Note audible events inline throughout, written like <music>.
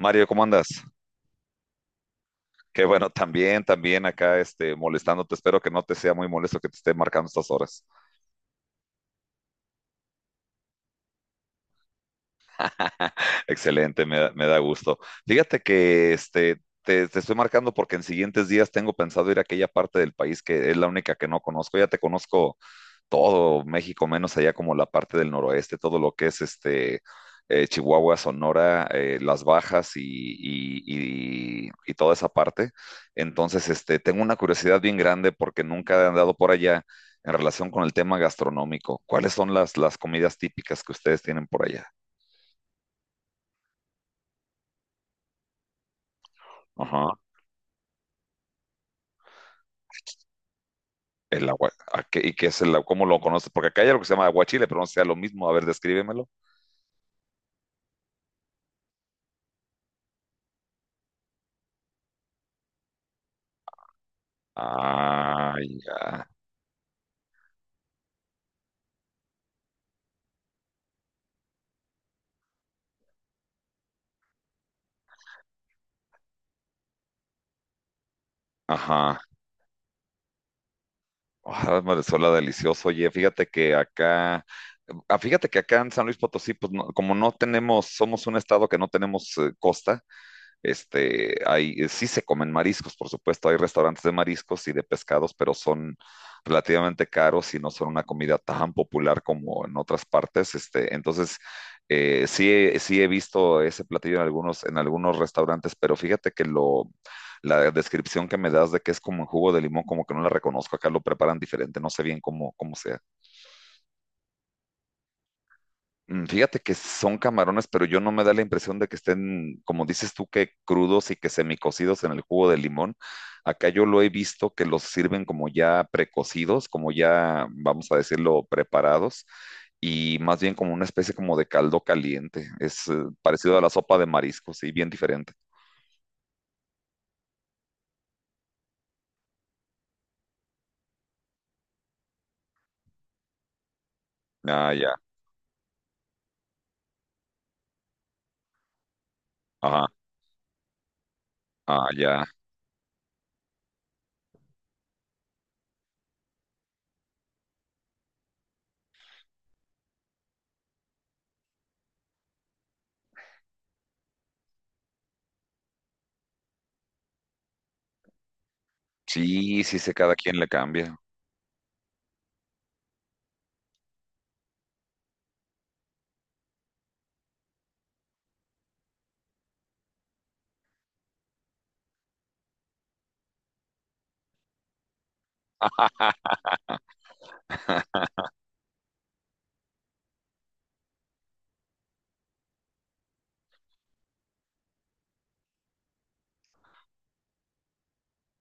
Mario, ¿cómo andas? Qué bueno, también acá molestándote. Espero que no te sea muy molesto que te esté marcando estas horas. <laughs> Excelente, me da gusto. Fíjate que te estoy marcando porque en siguientes días tengo pensado ir a aquella parte del país que es la única que no conozco. Ya te conozco todo México, menos allá como la parte del noroeste, todo lo que es Chihuahua, Sonora, Las Bajas y toda esa parte. Entonces, tengo una curiosidad bien grande porque nunca he andado por allá en relación con el tema gastronómico. ¿Cuáles son las comidas típicas que ustedes tienen por allá? Ajá. El agua, ¿a qué- ¿Y qué es el agua? ¿Cómo lo conoces? Porque acá hay algo que se llama aguachile, pero no sea lo mismo. A ver, descríbemelo. Ah, ya. Ajá. Ah, Marisol, delicioso. Oye, fíjate que acá en San Luis Potosí, pues como no tenemos, somos un estado que no tenemos costa, sí se comen mariscos, por supuesto, hay restaurantes de mariscos y de pescados, pero son relativamente caros y no son una comida tan popular como en otras partes. Entonces, sí, sí he visto ese platillo en algunos restaurantes, pero fíjate que la descripción que me das de que es como un jugo de limón, como que no la reconozco, acá lo preparan diferente, no sé bien cómo se. Fíjate que son camarones, pero yo no me da la impresión de que estén, como dices tú, que crudos y que semicocidos en el jugo de limón. Acá yo lo he visto que los sirven como ya precocidos, como ya, vamos a decirlo, preparados, y más bien como una especie como de caldo caliente. Es parecido a la sopa de mariscos, sí, bien diferente. Ah, ya, ajá, ah, ya. Sí, sí sé, cada quien le cambia.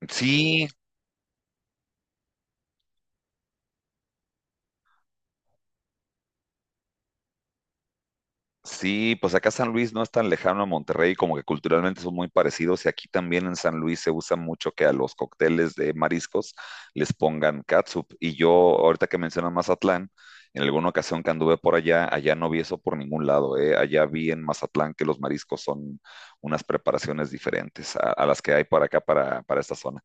Sí, sí, pues acá San Luis no es tan lejano a Monterrey, como que culturalmente son muy parecidos y aquí también en San Luis se usa mucho que a los cócteles de mariscos les pongan catsup. Y yo, ahorita que mencionas Mazatlán, en alguna ocasión que anduve por allá, allá no vi eso por ningún lado, ¿eh? Allá vi en Mazatlán que los mariscos son unas preparaciones diferentes a las que hay por acá para esta zona.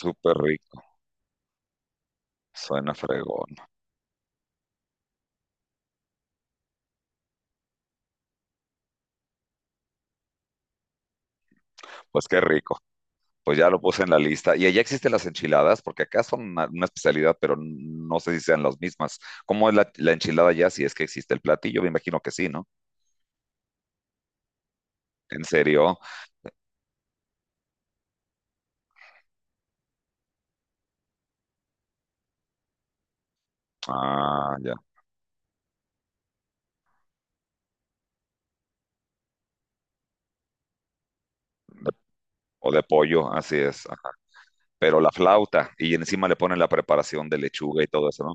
Súper rico, suena fregón. Pues qué rico. Pues ya lo puse en la lista. Y allá existen las enchiladas, porque acá son una especialidad, pero no sé si sean las mismas. ¿Cómo es la enchilada allá? Si es que existe el platillo, me imagino que sí, ¿no? ¿En serio? Ah, ya. De- o de pollo, así es. Ajá. Pero la flauta, y encima le ponen la preparación de lechuga y todo eso, ¿no?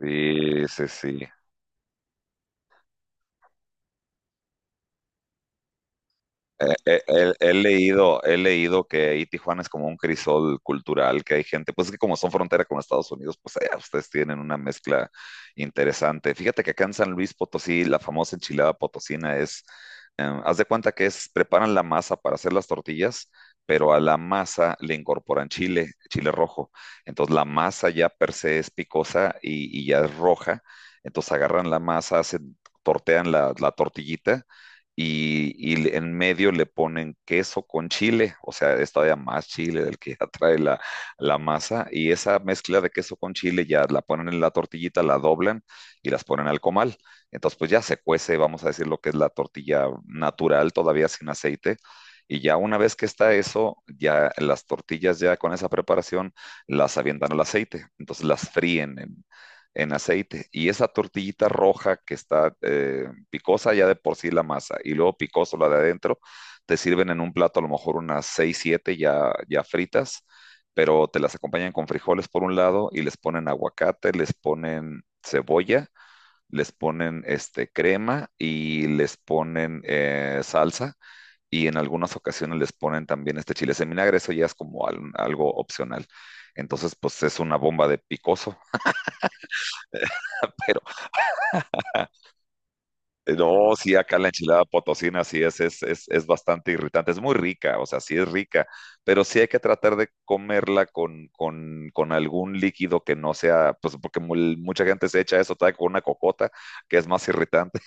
Sí, sí, sí. He leído que ahí Tijuana es como un crisol cultural, que hay gente, pues que como son frontera con Estados Unidos, pues allá ustedes tienen una mezcla interesante. Fíjate que acá en San Luis Potosí, la famosa enchilada potosina es, haz de cuenta que preparan la masa para hacer las tortillas, pero a la masa le incorporan chile, chile rojo. Entonces la masa ya per se es picosa y ya es roja. Entonces agarran la masa, tortean la tortillita y, y en medio le ponen queso con chile, o sea, es todavía más chile del que <laughs> ya trae la masa, y esa mezcla de queso con chile ya la ponen en la tortillita, la doblan y las ponen al comal. Entonces, pues ya se cuece, vamos a decir, lo que es la tortilla natural, todavía sin aceite. Y ya una vez que está eso, ya las tortillas ya con esa preparación las avientan al aceite. Entonces las fríen en aceite. Y esa tortillita roja que está picosa ya de por sí la masa y luego picoso la de adentro, te sirven en un plato a lo mejor unas 6 7 ya fritas, pero te las acompañan con frijoles por un lado y les ponen aguacate, les ponen cebolla, les ponen crema y les ponen salsa. Y en algunas ocasiones les ponen también este chile en vinagre, eso ya es como algo opcional. Entonces, pues es una bomba de picoso, <laughs> pero no, sí, acá la enchilada potosina sí es bastante irritante, es muy rica, o sea, sí es rica, pero sí hay que tratar de comerla con algún líquido que no sea, pues porque mucha gente se echa eso todavía con una cocota, que es más irritante.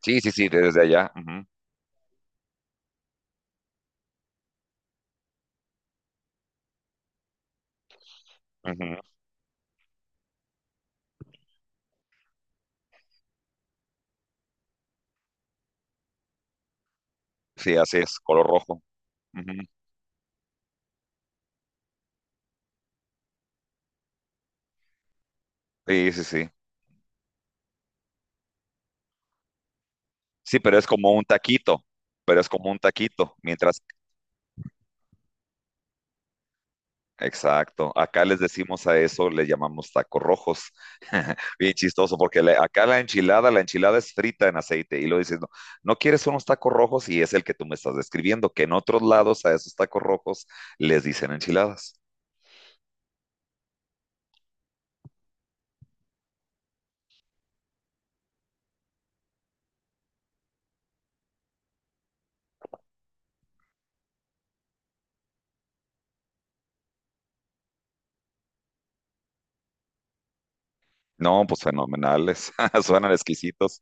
Sí, sí, sí, desde allá. Ujú, ujú, sí, así es, color rojo. Ujú, sí, sí, sí. Sí, pero es como un taquito, pero es como un taquito, mientras, exacto, acá les decimos a eso, le llamamos tacos rojos. Bien chistoso, porque acá la enchilada es frita en aceite, y lo dices, no, no quieres unos tacos rojos, y es el que tú me estás describiendo, que en otros lados a esos tacos rojos les dicen enchiladas. No, pues fenomenales, <laughs> suenan exquisitos,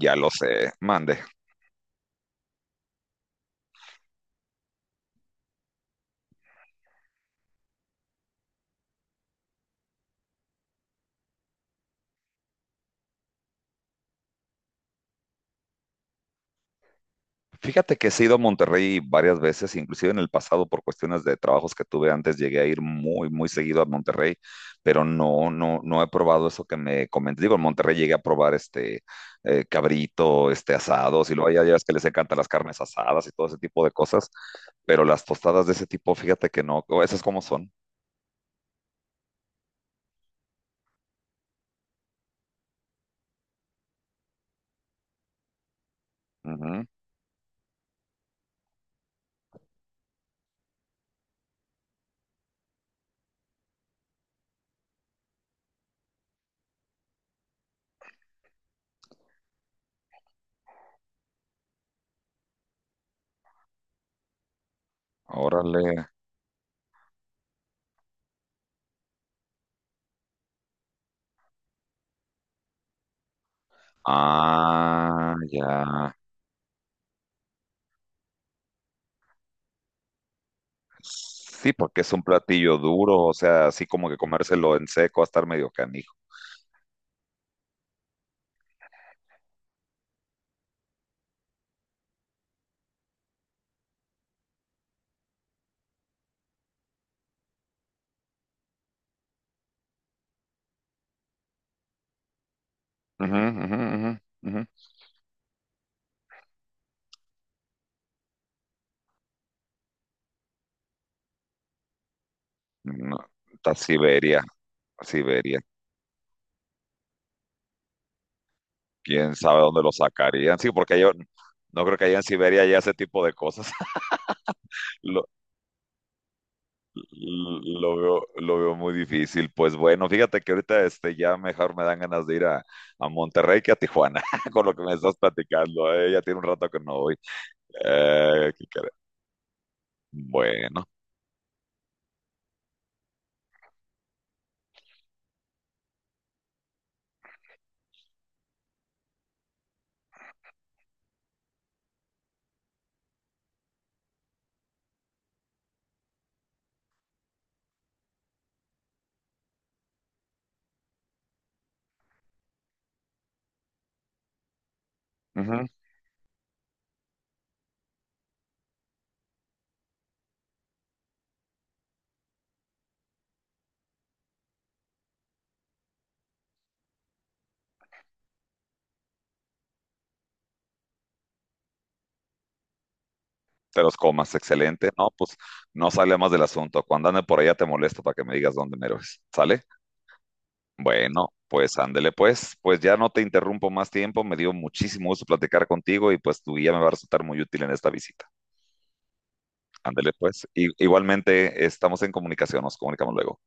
ya lo sé, mande. Fíjate que sí he ido a Monterrey varias veces, inclusive en el pasado por cuestiones de trabajos que tuve antes, llegué a ir muy, muy seguido a Monterrey, pero no, no, no he probado eso que me comenté. Digo, en Monterrey llegué a probar cabrito, asados, y luego allá ya ves que les encantan las carnes asadas y todo ese tipo de cosas, pero las tostadas de ese tipo, fíjate que no, o esas como son. Ujú, órale. Ah, ya. Sí, porque es un platillo duro, o sea, así como que comérselo en seco va a estar medio canijo. Ujú, ujú, ujú, ujú. No, está Siberia, Siberia. ¿Quién sabe dónde lo sacarían? Sí, porque yo no creo que haya en Siberia ya ese tipo de cosas. <laughs> Lo, lo veo muy difícil. Pues bueno, fíjate que ahorita ya mejor me dan ganas de ir a Monterrey que a Tijuana, <laughs> con lo que me estás platicando. Ya tiene un rato que no voy. ¿Qué quiere? Bueno, ujú, te los comas, excelente. No, pues no sale más del asunto. Cuando ande por allá te molesto para que me digas dónde mero es. ¿Sale? Bueno, pues ándele pues ya no te interrumpo más tiempo, me dio muchísimo gusto platicar contigo y pues tu guía me va a resultar muy útil en esta visita. Ándele pues, igualmente estamos en comunicación, nos comunicamos luego.